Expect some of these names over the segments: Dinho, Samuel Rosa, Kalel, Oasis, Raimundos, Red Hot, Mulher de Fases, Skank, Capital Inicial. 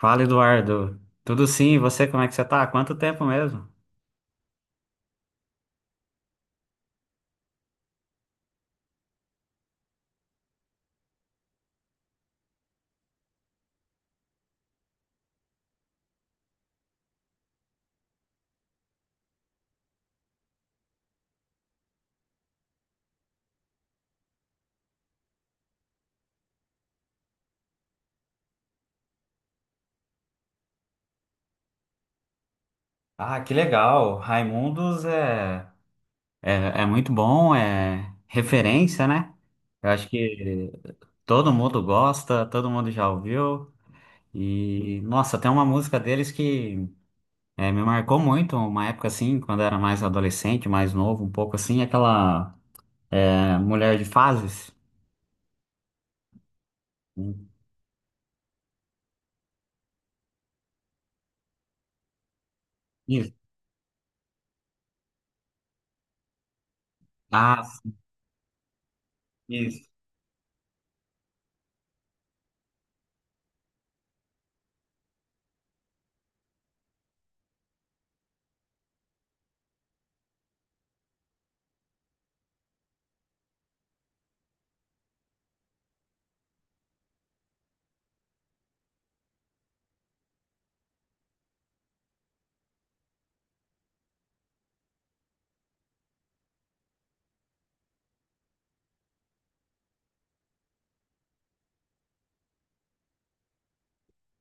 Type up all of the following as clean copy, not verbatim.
Fala, Eduardo. Tudo sim, e você, como é que você tá? Há quanto tempo mesmo? Ah, que legal. Raimundos é, é muito bom, é referência, né? Eu acho que todo mundo gosta, todo mundo já ouviu. E, nossa, tem uma música deles que me marcou muito, uma época assim, quando eu era mais adolescente, mais novo, um pouco assim, aquela Mulher de Fases. Isso. Ah, isso.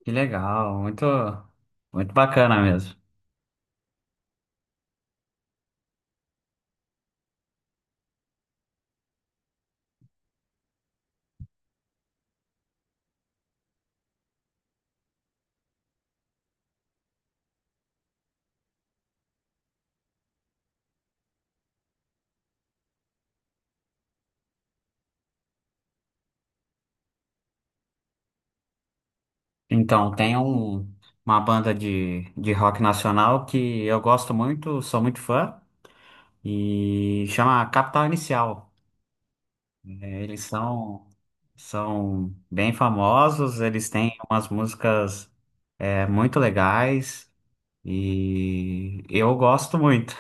Que legal, muito bacana mesmo. Então, uma banda de rock nacional que eu gosto muito, sou muito fã, e chama Capital Inicial. É, eles são, são bem famosos, eles têm umas músicas muito legais e eu gosto muito.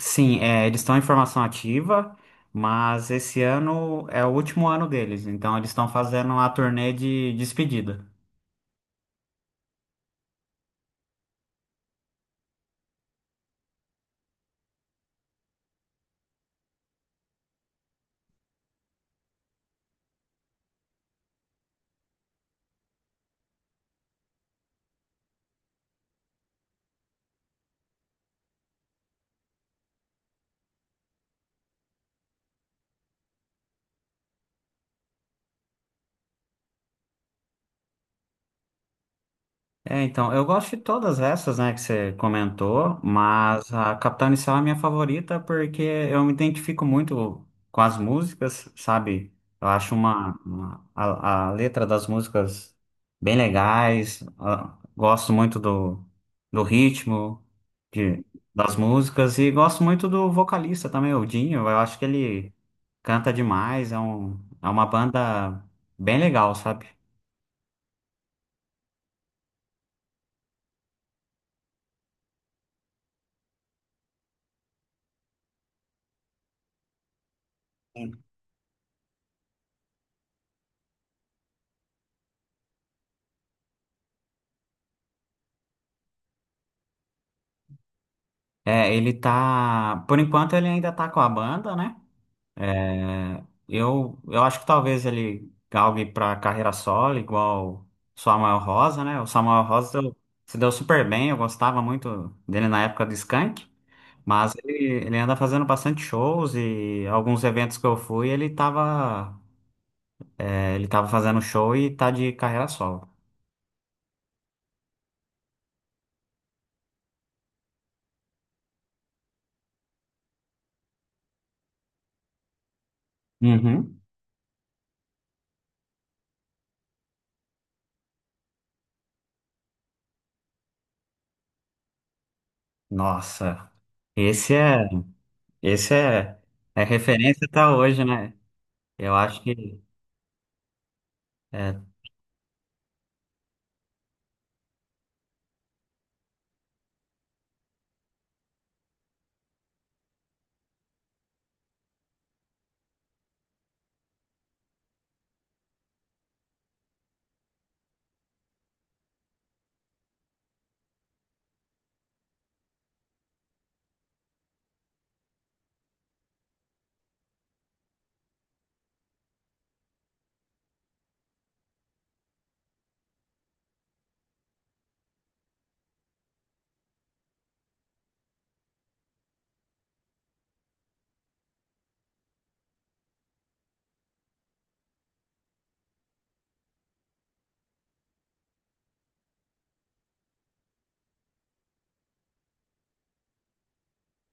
Sim, é, eles estão em formação ativa, mas esse ano é o último ano deles, então eles estão fazendo uma turnê de despedida. É, então, eu gosto de todas essas, né, que você comentou, mas a Capital Inicial é a minha favorita porque eu me identifico muito com as músicas, sabe? Eu acho a letra das músicas bem legais. Ah, gosto muito do ritmo de, das músicas e gosto muito do vocalista também, o Dinho. Eu acho que ele canta demais, é uma banda bem legal, sabe? É, ele tá. Por enquanto ele ainda tá com a banda, né? É, eu acho que talvez ele galgue pra carreira solo, igual o Samuel Rosa, né? O Samuel Rosa se deu super bem, eu gostava muito dele na época do Skank, mas ele anda fazendo bastante shows e alguns eventos que eu fui, ele tava, ele tava fazendo show e tá de carreira solo. Uhum. Nossa, esse é, esse é é referência até hoje, né? Eu acho que. É.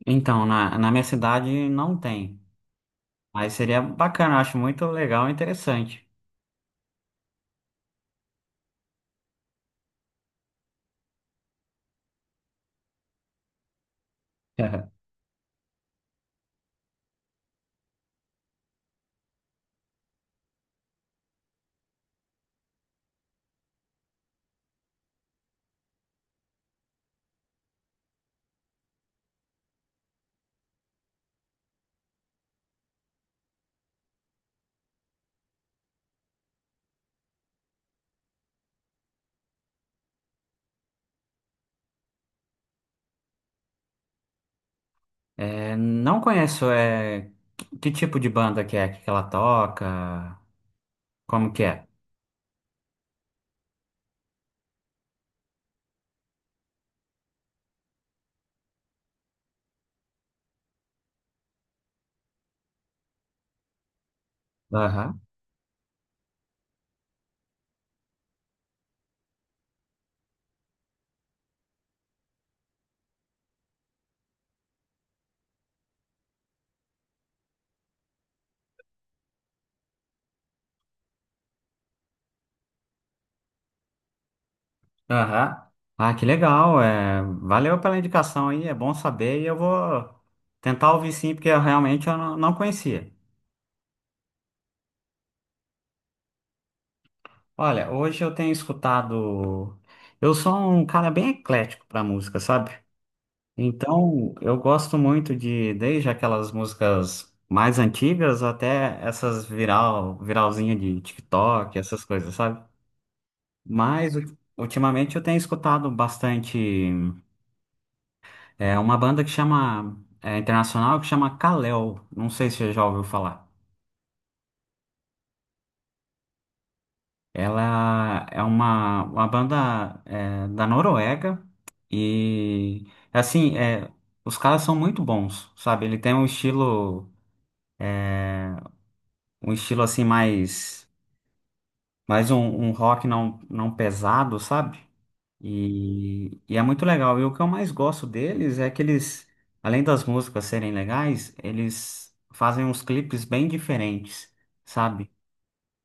Então, na minha cidade não tem, mas seria bacana, eu acho muito legal e interessante. É, não conheço. É, que tipo de banda que é que ela toca, como que é? Aham, aham. Ah, que legal, é, valeu pela indicação aí, é bom saber e eu vou tentar ouvir sim, porque eu realmente eu não conhecia. Olha, hoje eu tenho escutado, eu sou um cara bem eclético para música, sabe? Então, eu gosto muito de, desde aquelas músicas mais antigas até essas viralzinha de TikTok, essas coisas, sabe? Mas ultimamente eu tenho escutado bastante, é, uma banda que chama, é, internacional que chama Kalel. Não sei se você já ouviu falar. Ela é uma banda, é, da Noruega e, assim, é, os caras são muito bons, sabe? Ele tem um estilo assim mais um rock não pesado, sabe? E é muito legal. E o que eu mais gosto deles é que eles, além das músicas serem legais, eles fazem uns clipes bem diferentes, sabe?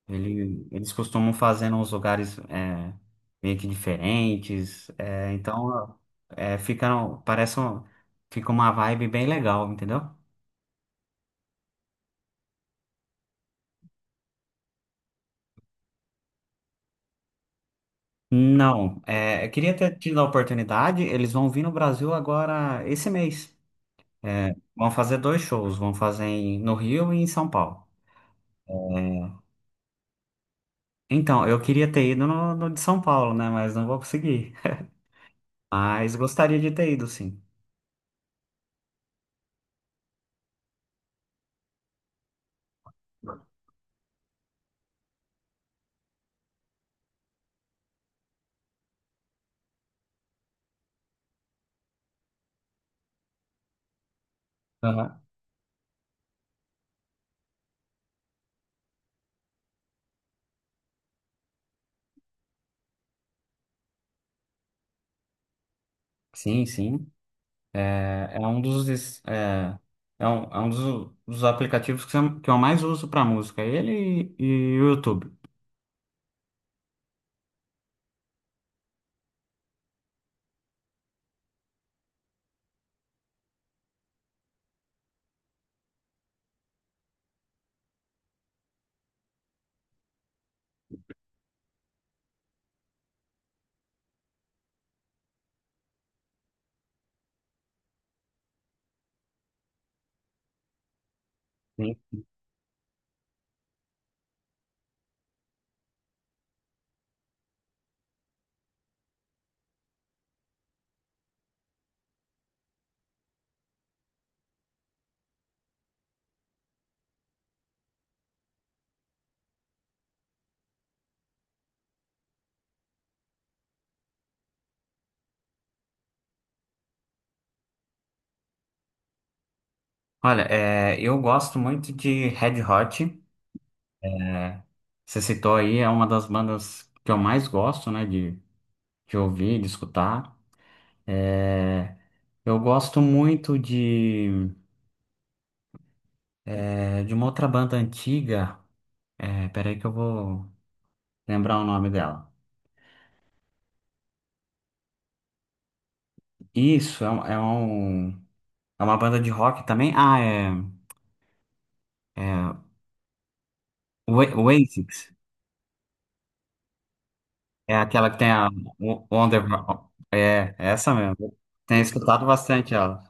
Eles costumam fazer nos lugares é, meio que diferentes, é, então é, parece um- fica uma vibe bem legal, entendeu? Não, é, eu queria ter tido a oportunidade, eles vão vir no Brasil agora esse mês. É, vão fazer dois shows, vão fazer no Rio e em São Paulo. É, então, eu queria ter ido no de São Paulo, né? Mas não vou conseguir. Mas gostaria de ter ido, sim. Aham. Sim, sim. É, é um dos, es- é, é um dos aplicativos que eu mais uso para música, ele e o YouTube. Sim. Olha, é, eu gosto muito de Red Hot. É. Você citou aí, é uma das bandas que eu mais gosto, né, de ouvir, de escutar. É, eu gosto muito de, é, de uma outra banda antiga. É, peraí que eu vou lembrar o nome dela. Isso, é uma banda de rock também. É Oasis. É aquela que tem a Wonder... É, é essa mesmo. Tenho escutado bastante ela.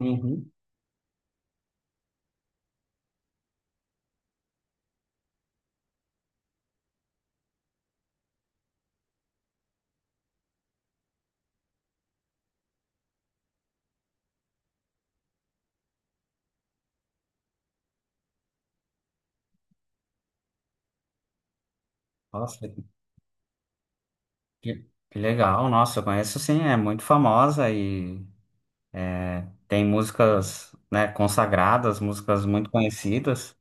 Uhum. Nossa, que, que legal. Nossa, eu conheço sim, é muito famosa e tem músicas, né, consagradas, músicas muito conhecidas.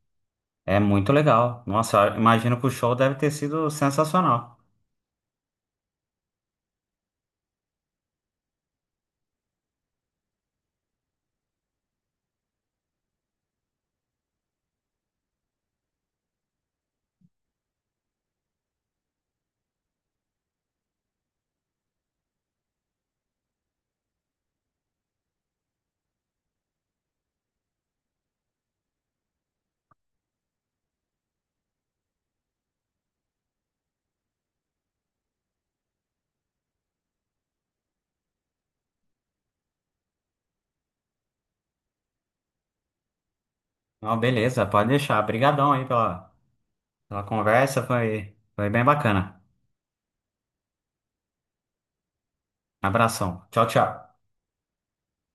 É muito legal. Nossa, eu imagino que o show deve ter sido sensacional. Não, beleza, pode deixar. Obrigadão aí pela, pela conversa, foi bem bacana. Abração. Tchau, tchau.